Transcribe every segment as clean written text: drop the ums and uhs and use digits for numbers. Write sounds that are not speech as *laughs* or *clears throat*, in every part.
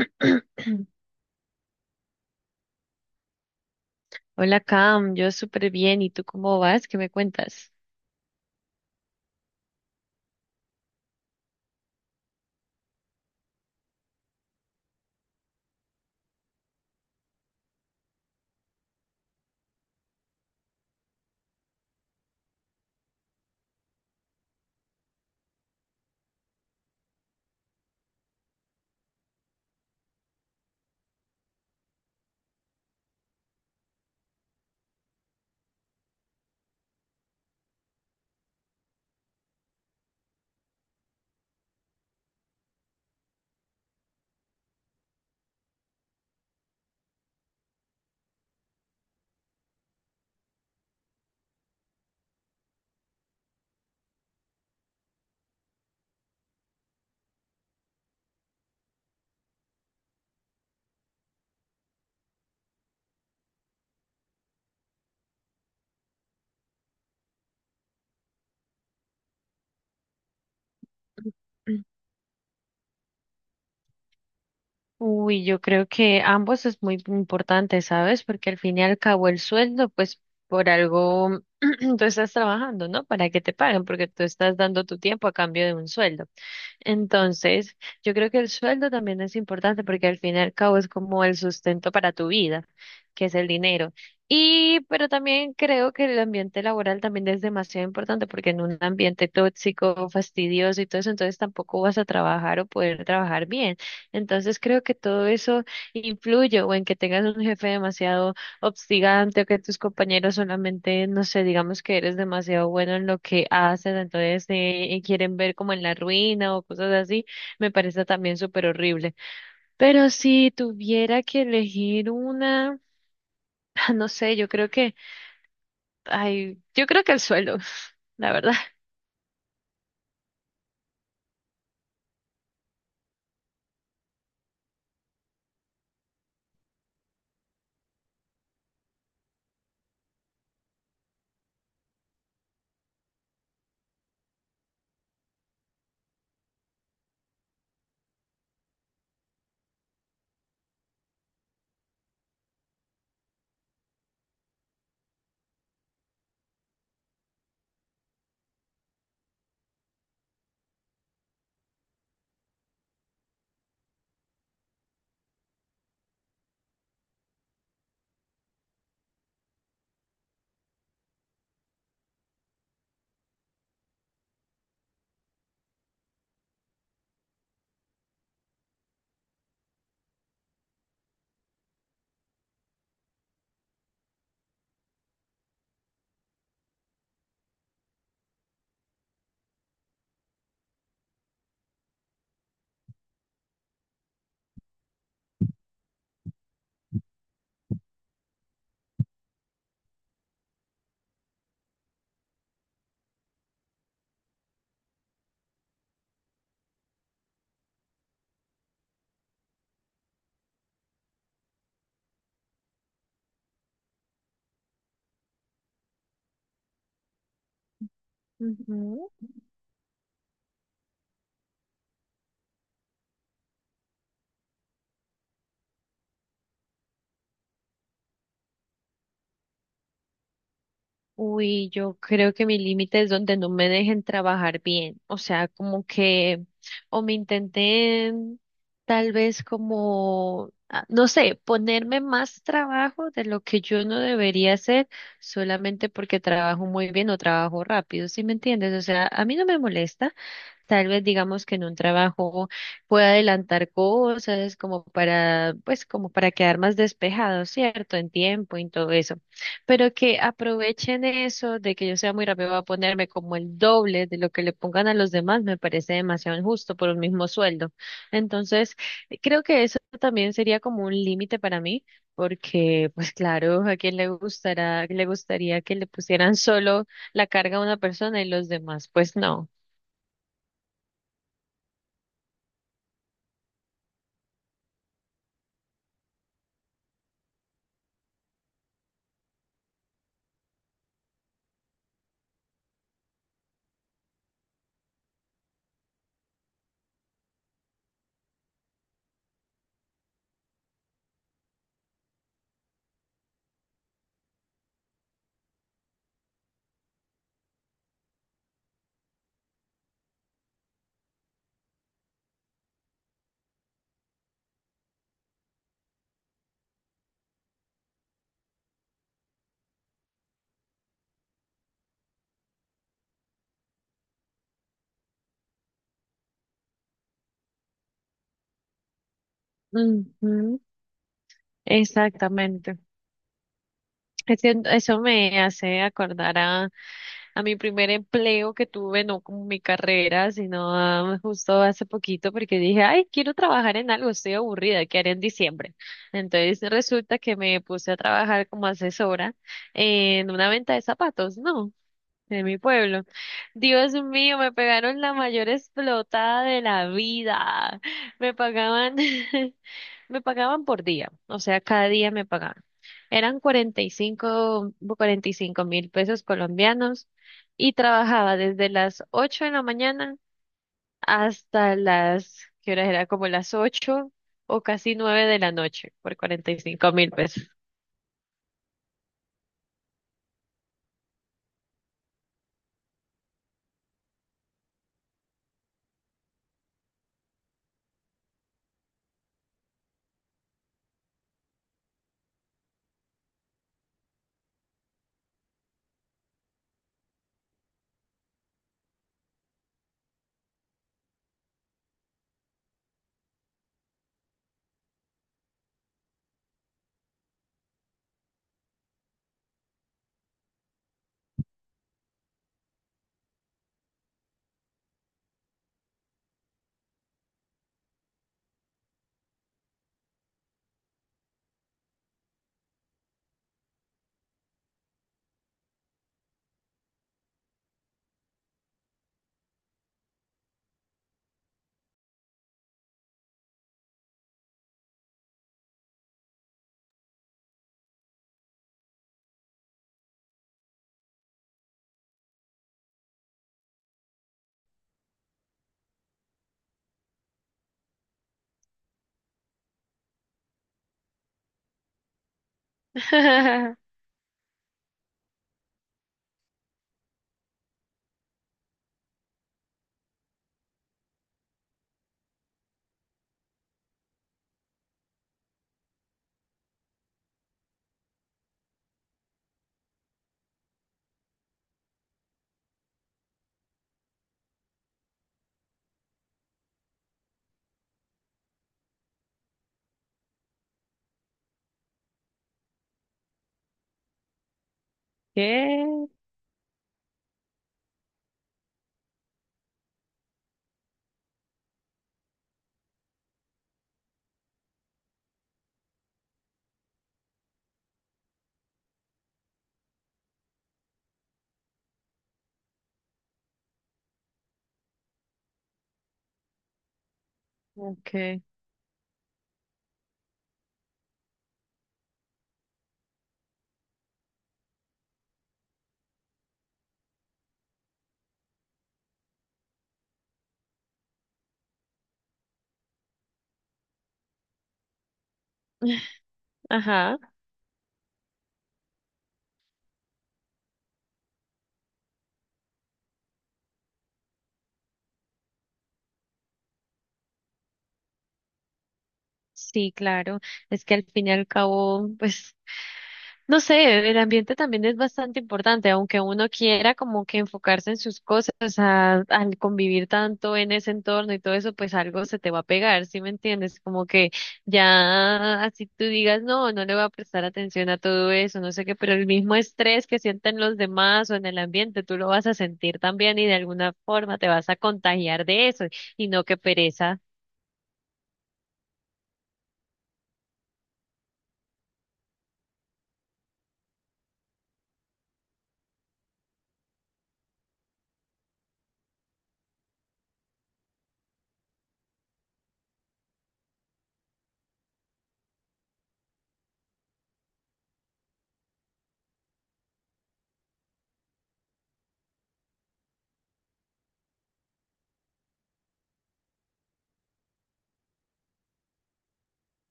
*clears throat* Hola Cam, yo súper bien. ¿Y tú cómo vas? ¿Qué me cuentas? *clears throat* Uy, yo creo que ambos es muy importante, ¿sabes? Porque al fin y al cabo el sueldo, pues por algo *clears throat* tú estás trabajando, ¿no? Para que te paguen, porque tú estás dando tu tiempo a cambio de un sueldo. Entonces, yo creo que el sueldo también es importante porque al fin y al cabo es como el sustento para tu vida, que es el dinero. Y, pero también creo que el ambiente laboral también es demasiado importante porque en un ambiente tóxico, fastidioso y todo eso, entonces tampoco vas a trabajar o poder trabajar bien. Entonces, creo que todo eso influye o en que tengas un jefe demasiado obstigante o que tus compañeros solamente, no sé, digamos que eres demasiado bueno en lo que haces, entonces quieren ver como en la ruina o cosas así, me parece también súper horrible. Pero si tuviera que elegir una, *laughs* no sé, yo creo que, ay, yo creo que el suelo, *laughs* la verdad. Ujú. Uy, yo creo que mi límite es donde no me dejen trabajar bien, o sea, como que, o me intenten tal vez como, no sé, ponerme más trabajo de lo que yo no debería hacer solamente porque trabajo muy bien o trabajo rápido, ¿sí me entiendes? O sea, a mí no me molesta. Tal vez digamos que en un trabajo pueda adelantar cosas como para, pues como para quedar más despejado, ¿cierto? En tiempo, y en todo eso. Pero que aprovechen eso de que yo sea muy rápido, voy a ponerme como el doble de lo que le pongan a los demás, me parece demasiado injusto por un mismo sueldo. Entonces, creo que eso también sería como un límite para mí, porque pues claro, a quién le gustará, le gustaría que le pusieran solo la carga a una persona y los demás, pues no. Ujú. Exactamente. Es que eso me hace acordar a, mi primer empleo que tuve, no con mi carrera, sino justo hace poquito, porque dije, ay, quiero trabajar en algo, estoy aburrida, ¿qué haré en diciembre? Entonces resulta que me puse a trabajar como asesora en una venta de zapatos, ¿no? En mi pueblo. Dios mío, me pegaron la mayor explotada de la vida. Me pagaban *laughs* me pagaban por día, o sea, cada día me pagaban. Eran cuarenta y cinco mil pesos colombianos y trabajaba desde las 8 de la mañana hasta las, ¿qué horas era? Como las 8 o casi 9 de la noche por 45.000 pesos. *laughs* ¿Qué? ¿Qué? Ajá. Sí, claro. Es que al fin y al cabo, pues no sé, el ambiente también es bastante importante, aunque uno quiera como que enfocarse en sus cosas, al convivir tanto en ese entorno y todo eso, pues algo se te va a pegar, ¿sí me entiendes? Como que ya así tú digas, no, no le voy a prestar atención a todo eso, no sé qué, pero el mismo estrés que sienten los demás o en el ambiente, tú lo vas a sentir también y de alguna forma te vas a contagiar de eso y no que pereza.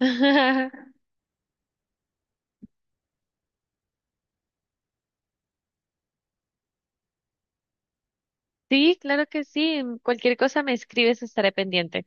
*laughs* Sí, claro que sí, cualquier cosa me escribes, estaré pendiente.